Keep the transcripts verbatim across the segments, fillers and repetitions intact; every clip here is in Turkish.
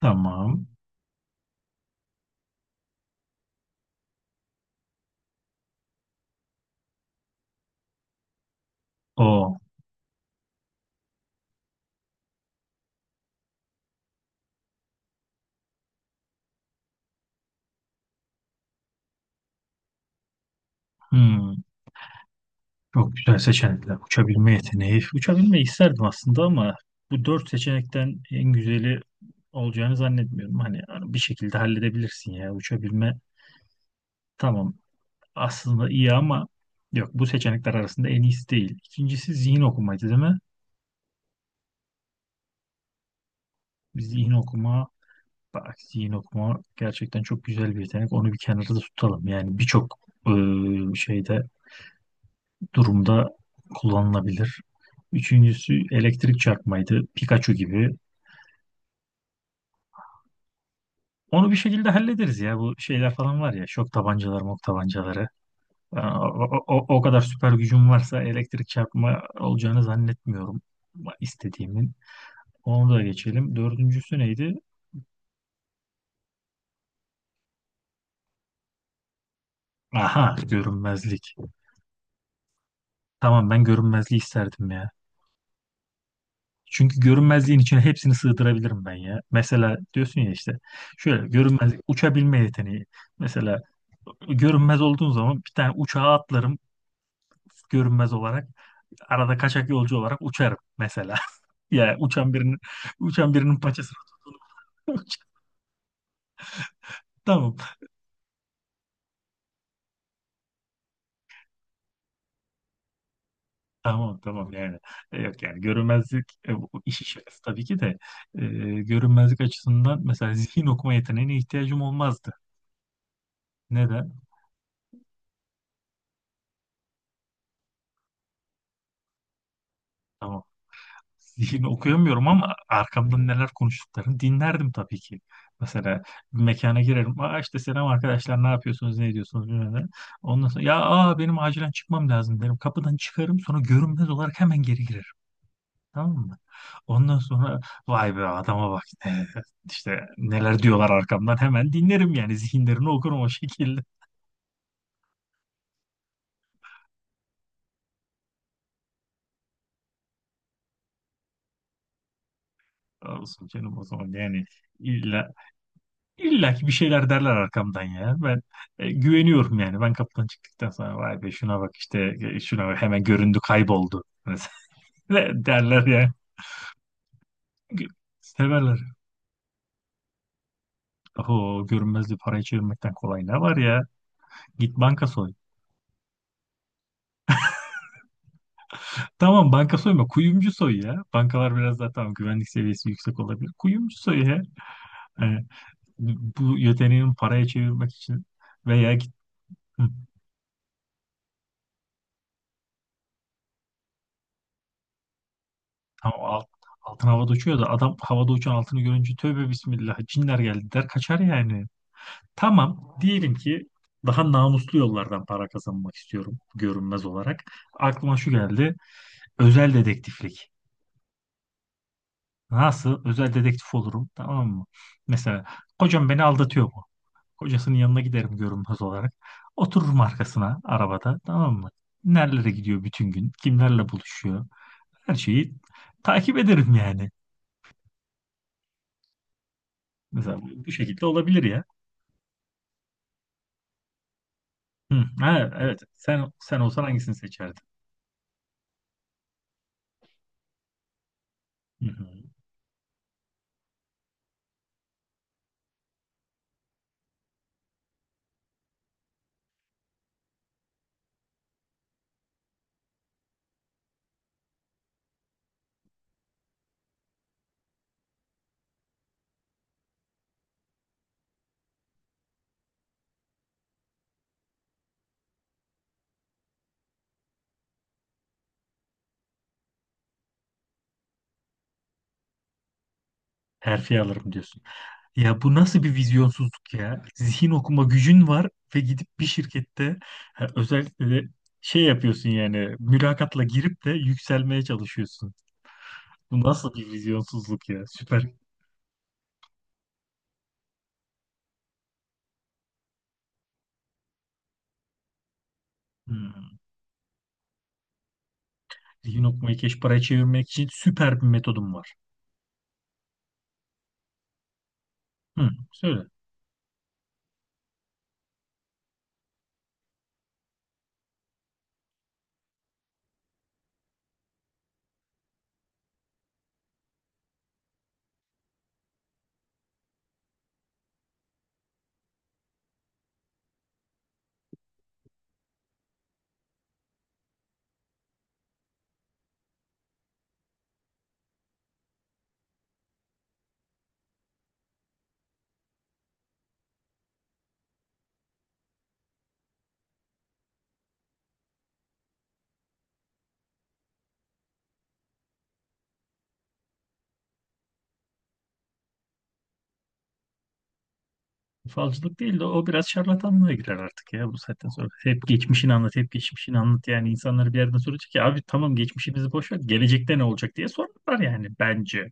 Tamam. O. Hmm. Çok güzel seçenekler. Uçabilme yeteneği. Uçabilmeyi isterdim aslında ama bu dört seçenekten en güzeli olacağını zannetmiyorum. Hani hani bir şekilde halledebilirsin ya. Uçabilme tamam, aslında iyi ama yok, bu seçenekler arasında en iyisi değil. İkincisi zihin okumaydı, değil mi? Zihin okuma bak zihin okuma gerçekten çok güzel bir yetenek. Onu bir kenarda tutalım. Yani birçok eee, şeyde durumda kullanılabilir. Üçüncüsü elektrik çarpmaydı. Pikachu gibi. Onu bir şekilde hallederiz ya. Bu şeyler falan var ya. Şok tabancaları, mok tabancaları. Aa, O, o- o kadar süper gücüm varsa elektrik çarpma olacağını zannetmiyorum, ama istediğimin. Onu da geçelim. Dördüncüsü neydi? Aha, görünmezlik. Tamam, ben görünmezliği isterdim ya. Çünkü görünmezliğin içine hepsini sığdırabilirim ben ya. Mesela diyorsun ya işte, şöyle görünmezlik, uçabilme yeteneği. Mesela görünmez olduğun zaman bir tane uçağa atlarım, görünmez olarak. Arada kaçak yolcu olarak uçarım mesela. Ya uçan birinin uçan birinin paçasını tutun. Tamam, tamam, tamam yani. E, Yok yani, görünmezlik e, bu işi şakası tabii ki de, e, görünmezlik açısından mesela zihin okuma yeteneğine ihtiyacım olmazdı. Neden? Tamam. Zihin okuyamıyorum ama arkamdan neler konuştuklarını dinlerdim tabii ki. Mesela bir mekana girerim. Aa, işte selam arkadaşlar, ne yapıyorsunuz, ne ediyorsunuz, bilmem ne. Ondan sonra ya, aa, benim acilen çıkmam lazım derim. Kapıdan çıkarım, sonra görünmez olarak hemen geri girerim. Tamam mı? Ondan sonra vay be, adama bak ne, işte neler diyorlar arkamdan, hemen dinlerim yani, zihinlerini okurum o şekilde. Sağ olsun canım, o zaman yani. İlla ki bir şeyler derler arkamdan ya. Ben e, güveniyorum yani. Ben kapıdan çıktıktan sonra vay be şuna bak işte, e, şuna bak, hemen göründü kayboldu. Mesela derler ya. Gü- Severler. Oho, görünmezliği parayı çevirmekten kolay ne var ya? Git banka soy. Tamam, banka soyma, kuyumcu soy ya. Bankalar biraz daha tamam, güvenlik seviyesi yüksek olabilir. Kuyumcu soy ya. Yani bu yeteneğin paraya çevirmek için, veya git. Tam alt, altın havada uçuyor da adam havada uçan altını görünce tövbe bismillah, cinler geldi der, kaçar yani. Tamam, diyelim ki daha namuslu yollardan para kazanmak istiyorum, görünmez olarak. Aklıma şu geldi: özel dedektiflik. Nasıl özel dedektif olurum, tamam mı? Mesela, kocam beni aldatıyor mu? Kocasının yanına giderim görünmez olarak. Otururum arkasına arabada, tamam mı? Nerelere gidiyor bütün gün? Kimlerle buluşuyor? Her şeyi takip ederim yani. Mesela bu bu şekilde olabilir ya. Hı, ha, evet. Sen sen olsan hangisini seçerdin? Hı hı. Terfi alırım diyorsun. Ya bu nasıl bir vizyonsuzluk ya? Zihin okuma gücün var ve gidip bir şirkette, ha, özellikle de şey yapıyorsun yani, mülakatla girip de yükselmeye çalışıyorsun. Bu nasıl bir vizyonsuzluk ya? Süper. Hı. Zihin okumayı keş paraya çevirmek için süper bir metodum var. Hı, söyle. Falcılık değil de o biraz şarlatanlığa girer artık ya, bu saatten sonra. Hep geçmişini anlat, hep geçmişini anlat. Yani insanları bir yerden soracak ki, abi tamam geçmişimizi boş ver, gelecekte ne olacak diye sorarlar yani bence.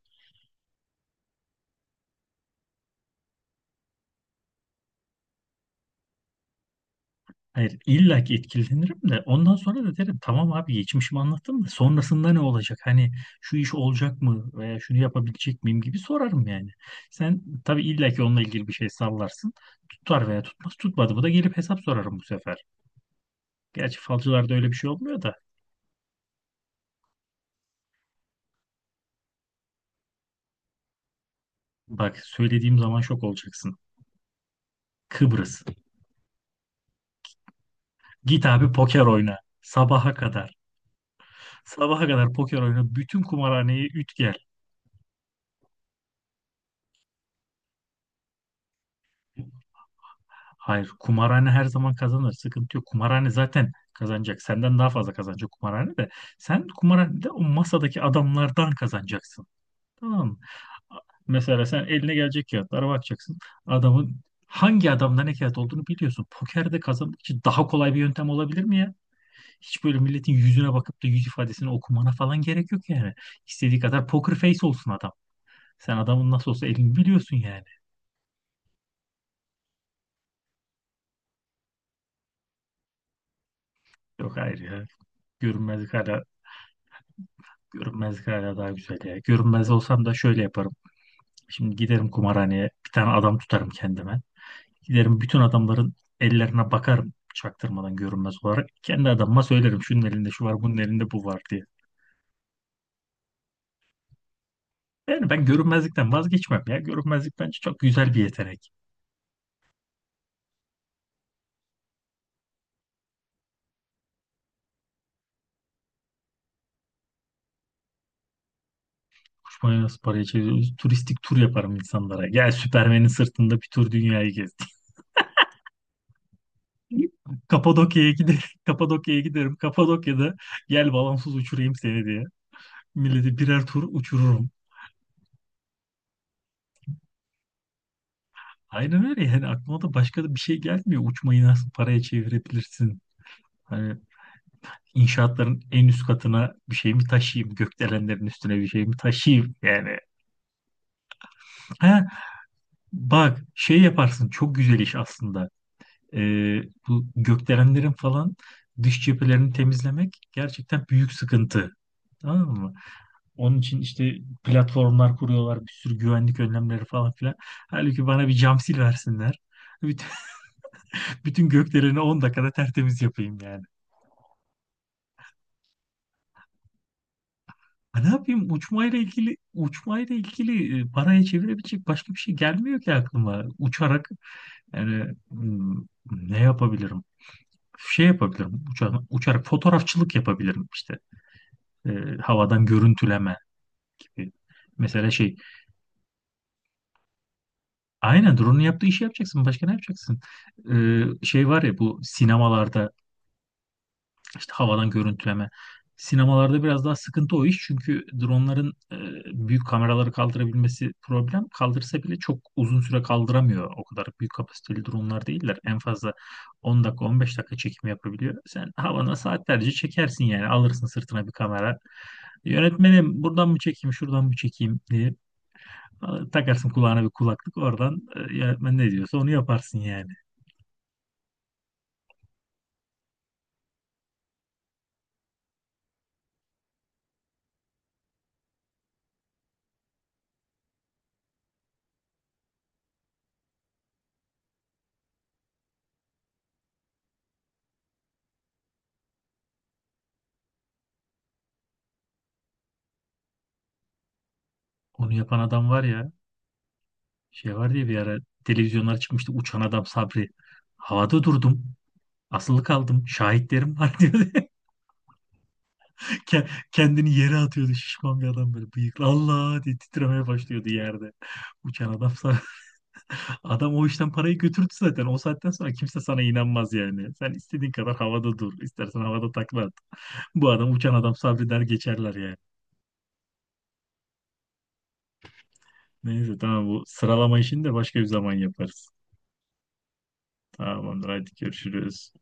Hayır, illa ki etkilenirim de ondan sonra da derim tamam abi, geçmişimi anlattım da sonrasında ne olacak? Hani, şu iş olacak mı veya şunu yapabilecek miyim gibi sorarım yani. Sen tabii illa ki onunla ilgili bir şey sallarsın. Tutar veya tutmaz. Tutmadı mı da gelip hesap sorarım bu sefer. Gerçi falcılarda öyle bir şey olmuyor da. Bak, söylediğim zaman şok olacaksın. Kıbrıs. Git abi poker oyna. Sabaha kadar. Sabaha kadar poker oyna. Bütün kumarhaneyi üt gel. Hayır, kumarhane her zaman kazanır. Sıkıntı yok. Kumarhane zaten kazanacak. Senden daha fazla kazanacak kumarhane de. Sen kumarhanede o masadaki adamlardan kazanacaksın. Tamam mı? Mesela sen eline gelecek kağıtlara bakacaksın. Adamın Hangi adamda ne kağıt olduğunu biliyorsun. Pokerde kazanmak için daha kolay bir yöntem olabilir mi ya? Hiç böyle milletin yüzüne bakıp da yüz ifadesini okumana falan gerek yok yani. İstediği kadar poker face olsun adam. Sen adamın nasıl olsa elini biliyorsun yani. Yok, hayır ya. Görünmezlik hala, görünmezlik hala daha güzel ya. Görünmez olsam da şöyle yaparım. Şimdi giderim kumarhaneye, bir tane adam tutarım kendime. Giderim bütün adamların ellerine bakarım çaktırmadan, görünmez olarak. Kendi adamıma söylerim şunun elinde şu var, bunun elinde bu var diye. Yani ben görünmezlikten vazgeçmem ya. Görünmezlik bence çok güzel bir yetenek. Kuşmaya nasıl parayı çeviriyoruz? Turistik tur yaparım insanlara. Gel Süpermen'in sırtında bir tur dünyayı gezdik. Kapadokya'ya giderim. Kapadokya'ya giderim. Kapadokya'da, gel balansız uçurayım seni diye. Milleti birer tur uçururum. Aynen öyle, yani aklıma da başka da bir şey gelmiyor. Uçmayı nasıl paraya çevirebilirsin? Hani, inşaatların en üst katına bir şey mi taşıyayım? Gökdelenlerin üstüne bir şey mi taşıyayım? Yani, ha, bak şey yaparsın, çok güzel iş aslında. e, Bu gökdelenlerin falan dış cephelerini temizlemek gerçekten büyük sıkıntı. Tamam mı? Onun için işte platformlar kuruyorlar, bir sürü güvenlik önlemleri falan filan. Halbuki bana bir cam sil versinler. Bütün, bütün gökdeleni on dakikada tertemiz yapayım yani. Ha, ne yapayım? Uçmayla ilgili uçmayla ilgili e, paraya çevirebilecek başka bir şey gelmiyor ki aklıma. Uçarak yani, hmm, ne yapabilirim? Şey yapabilirim. Uça, uçarak fotoğrafçılık yapabilirim işte. E, Havadan görüntüleme gibi. Mesela şey, aynen drone'un yaptığı işi yapacaksın. Başka ne yapacaksın? E, şey var ya bu sinemalarda, işte havadan görüntüleme. Sinemalarda biraz daha sıkıntı o iş, çünkü dronların e, büyük kameraları kaldırabilmesi problem. Kaldırsa bile çok uzun süre kaldıramıyor. O kadar büyük kapasiteli dronlar değiller. En fazla on dakika on beş dakika çekim yapabiliyor. Sen havana saatlerce çekersin yani, alırsın sırtına bir kamera. Yönetmenim, buradan mı çekeyim şuradan mı çekeyim diye. Takarsın kulağına bir kulaklık, oradan e, yönetmen ne diyorsa onu yaparsın yani. Onu yapan adam var ya, şey var diye bir ara televizyonlara çıkmıştı, uçan adam Sabri. Havada durdum. Asılı kaldım. Şahitlerim var, diyordu. Ke- Kendini yere atıyordu şişman bir adam, böyle bıyıklı. Allah diye titremeye başlıyordu yerde. Uçan adam Sabri. Adam o işten parayı götürdü zaten. O saatten sonra kimse sana inanmaz yani. Sen istediğin kadar havada dur. İstersen havada takla at. Bu adam uçan adam, sabreder geçerler yani. Neyse, tamam bu sıralama işini de başka bir zaman yaparız. Tamamdır, hadi görüşürüz.